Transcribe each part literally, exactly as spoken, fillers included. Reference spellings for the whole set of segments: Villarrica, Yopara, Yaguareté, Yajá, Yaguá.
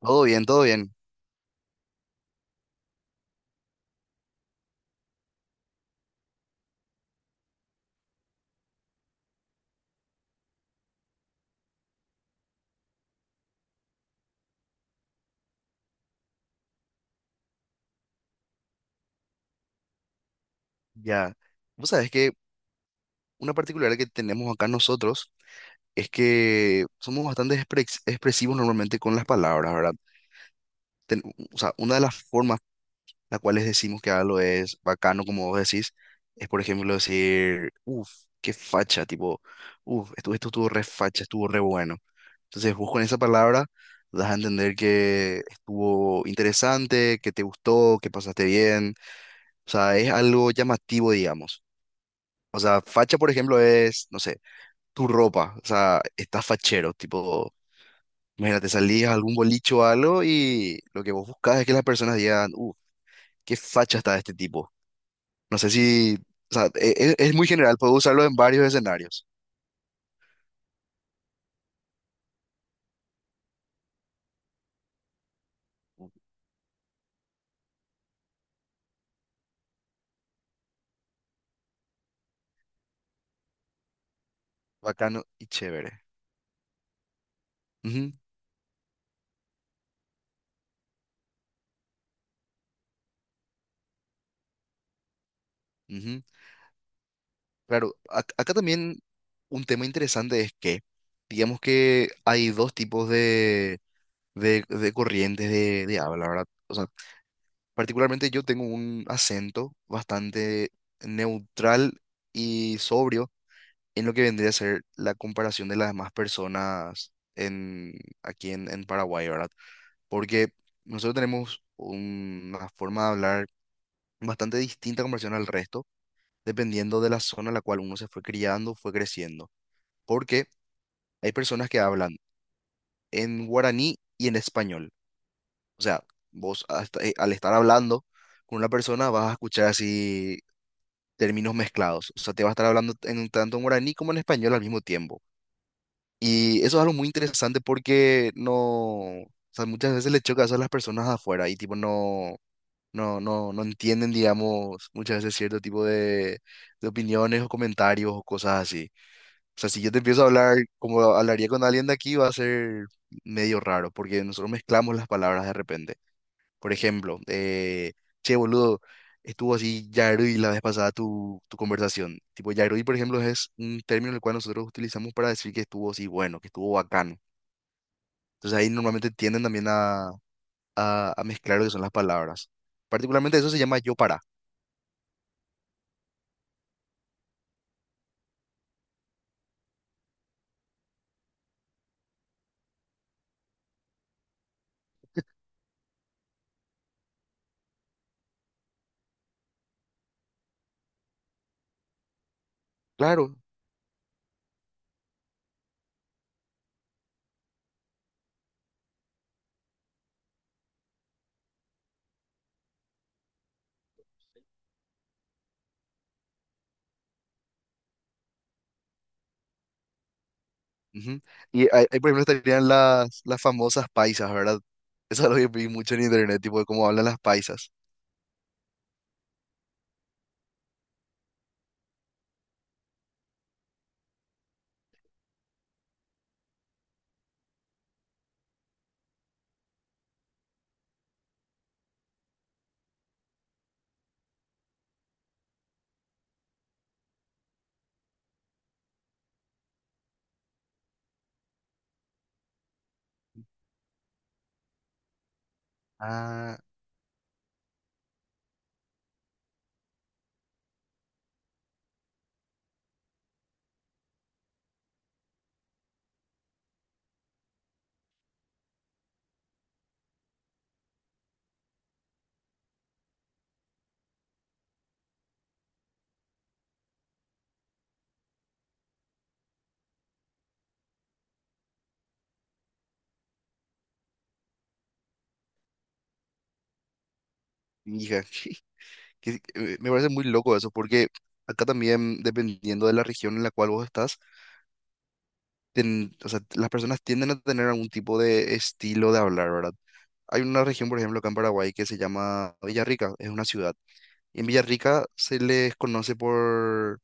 Todo bien, todo bien. Ya. Vos sabés que una particularidad que tenemos acá nosotros es que somos bastante expres- expresivos normalmente con las palabras, ¿verdad? Ten- o sea, una de las formas las cuales decimos que algo es bacano, como vos decís, es por ejemplo decir, uff, qué facha, tipo, uff, esto, esto estuvo re facha, estuvo re bueno. Entonces vos con esa palabra das a entender que estuvo interesante, que te gustó, que pasaste bien. O sea, es algo llamativo, digamos. O sea, facha, por ejemplo, es, no sé, tu ropa. O sea, estás fachero, tipo, imagínate, salías a algún bolicho o algo y lo que vos buscas es que las personas digan, uh, qué facha está este tipo. No sé si, o sea, e- e- es muy general, puedo usarlo en varios escenarios. Uh, Bacano y chévere. Ujú, ujú. Claro, ac- acá también un tema interesante es que, digamos que hay dos tipos de, de corrientes de, de habla, ¿verdad? O sea, particularmente yo tengo un acento bastante neutral y sobrio en lo que vendría a ser la comparación de las demás personas en, aquí en, en Paraguay, ¿verdad? Porque nosotros tenemos una forma de hablar bastante distinta en comparación al resto, dependiendo de la zona en la cual uno se fue criando, fue creciendo. Porque hay personas que hablan en guaraní y en español. O sea, vos hasta- eh, al estar hablando con una persona vas a escuchar así términos mezclados. O sea, te va a estar hablando en tanto en guaraní como en español al mismo tiempo. Y eso es algo muy interesante porque no, o sea, muchas veces le choca eso a las personas de afuera y tipo no, no, no, no entienden, digamos, muchas veces cierto tipo de, de opiniones o comentarios o cosas así. O sea, si yo te empiezo a hablar como hablaría con alguien de aquí, va a ser medio raro porque nosotros mezclamos las palabras de repente. Por ejemplo, eh, che, boludo, estuvo así Yarui la vez pasada tu, tu conversación. Tipo, Yarui, por ejemplo, es un término el cual nosotros utilizamos para decir que estuvo así bueno, que estuvo bacano. Entonces ahí normalmente tienden también a, a, a mezclar lo que son las palabras. Particularmente eso se llama yo para. Claro. Ujú. Y ahí, ahí, por ejemplo, estarían las, las famosas paisas, ¿verdad? Eso es lo que vi mucho en internet, tipo de cómo hablan las paisas. Ah, mija. que- eh, me parece muy loco eso, porque acá también, dependiendo de la región en la cual vos estás, ten- o sea, las personas tienden a tener algún tipo de estilo de hablar, ¿verdad? Hay una región, por ejemplo, acá en Paraguay que se llama Villarrica, es una ciudad. Y en Villarrica se les conoce por,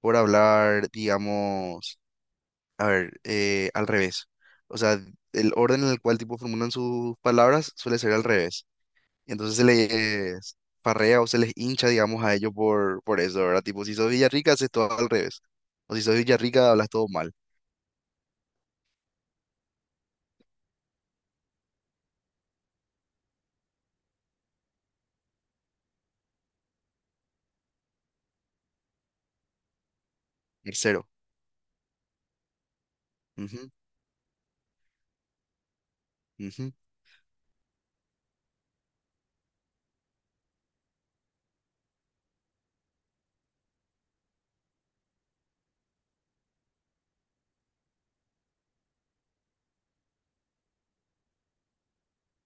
por hablar, digamos, a ver, eh, al revés. O sea, el orden en el cual tipo formulan sus palabras suele ser al revés. Y entonces se les parrea o se les hincha, digamos, a ellos por, por eso, ¿verdad? Tipo, si sos Villarrica, haces todo al revés. O si sos Villarrica, hablas todo mal. Tercero. Ujú, ujú,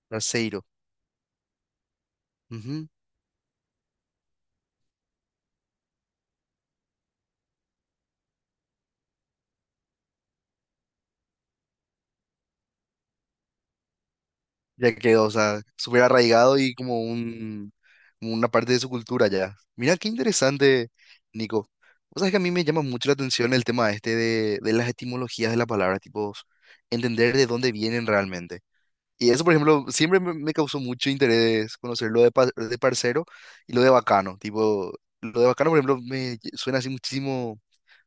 tercero. Ujú. Ya quedó, o sea, súper arraigado y como un, como una parte de su cultura ya. Mira qué interesante, Nico. O sea, que a mí me llama mucho la atención el tema este de, de las etimologías de las palabras, tipo, entender de dónde vienen realmente. Y eso, por ejemplo, siempre me me causó mucho interés conocer lo de, pa- de parcero y lo de bacano. Tipo, lo de bacano, por ejemplo, me lle- suena así muchísimo. O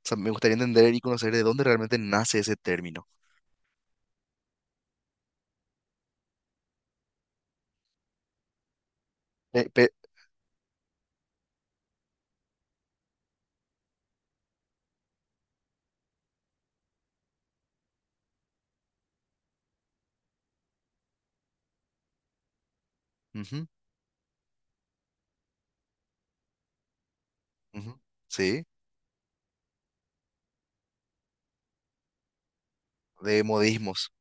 sea, me gustaría entender y conocer de dónde realmente nace ese término. Eh, pe- ujú, ujú, sí, de modismos.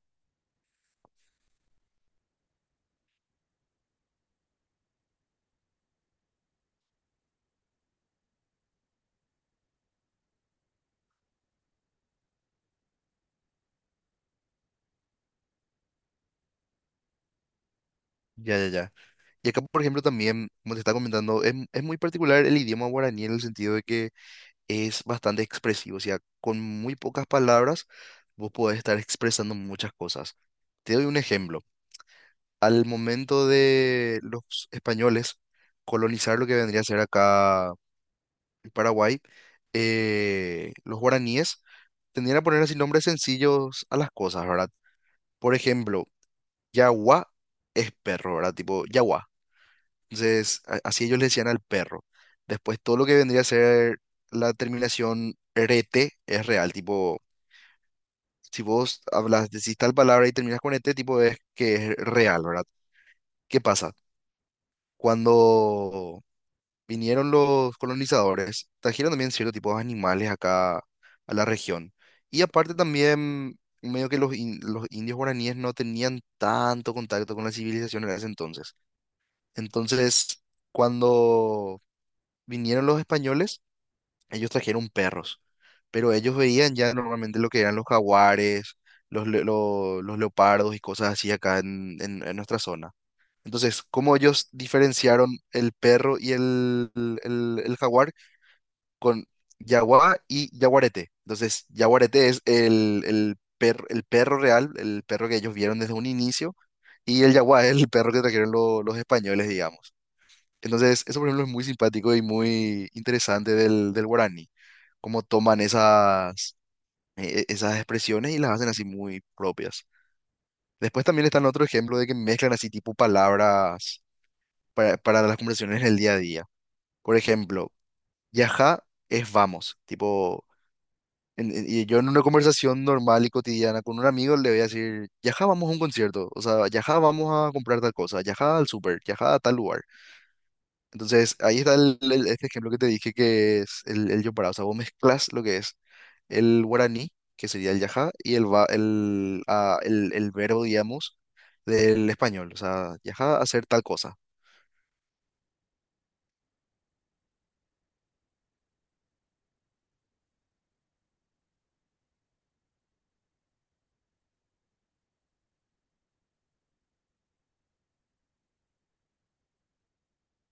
Ya, ya, ya. Y acá, por ejemplo, también, como te estaba comentando, es, es muy particular el idioma guaraní en el sentido de que es bastante expresivo. O sea, con muy pocas palabras, vos podés estar expresando muchas cosas. Te doy un ejemplo. Al momento de los españoles colonizar lo que vendría a ser acá Paraguay, eh, los guaraníes tendían a poner así nombres sencillos a las cosas, ¿verdad? Por ejemplo, Yaguá es perro, ¿verdad? Tipo, Yaguá. Entonces, a- así ellos le decían al perro. Después, todo lo que vendría a ser la terminación rete es real, tipo, si vos hablas, decís tal palabra y terminas con ete, tipo, es que es real, ¿verdad? ¿Qué pasa? Cuando vinieron los colonizadores, trajeron también cierto tipo de animales acá a la región. Y aparte también, medio que los, in- los indios guaraníes no tenían tanto contacto con la civilización en ese entonces. Entonces, cuando vinieron los españoles, ellos trajeron perros, pero ellos veían ya normalmente lo que eran los jaguares, los, le- lo- los leopardos y cosas así acá en, en en nuestra zona. Entonces, ¿cómo ellos diferenciaron el perro y el, el, el jaguar? Con Yaguá y Yaguareté. Entonces, Yaguareté es el, el, per- el perro real, el perro que ellos vieron desde un inicio, y el Yaguá es el perro que trajeron lo- los españoles, digamos. Entonces, eso por ejemplo es muy simpático y muy interesante del, del guaraní, cómo toman esas, eh, esas expresiones y las hacen así muy propias. Después también está el otro ejemplo de que mezclan así tipo palabras para, para las conversaciones en el día a día. Por ejemplo, yajá es vamos, tipo en- en- y yo en una conversación normal y cotidiana con un amigo le voy a decir, Yaja, vamos a un concierto, o sea, Yaja, vamos a comprar tal cosa, Yaja al súper, Yaja a tal lugar. Entonces, ahí está el, el- este ejemplo que te dije que es el, el Yopara, o sea, vos mezclas lo que es el guaraní, que sería el Yaja, y el, va- el, ah, el, el verbo, digamos, del español, o sea, Yaja hacer tal cosa.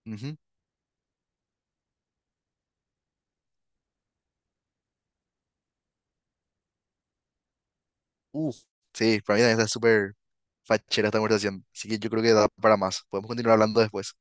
Ujú. Uh, sí, para mí también está súper fachera esta conversación, así que yo creo que da para más. Podemos continuar hablando después.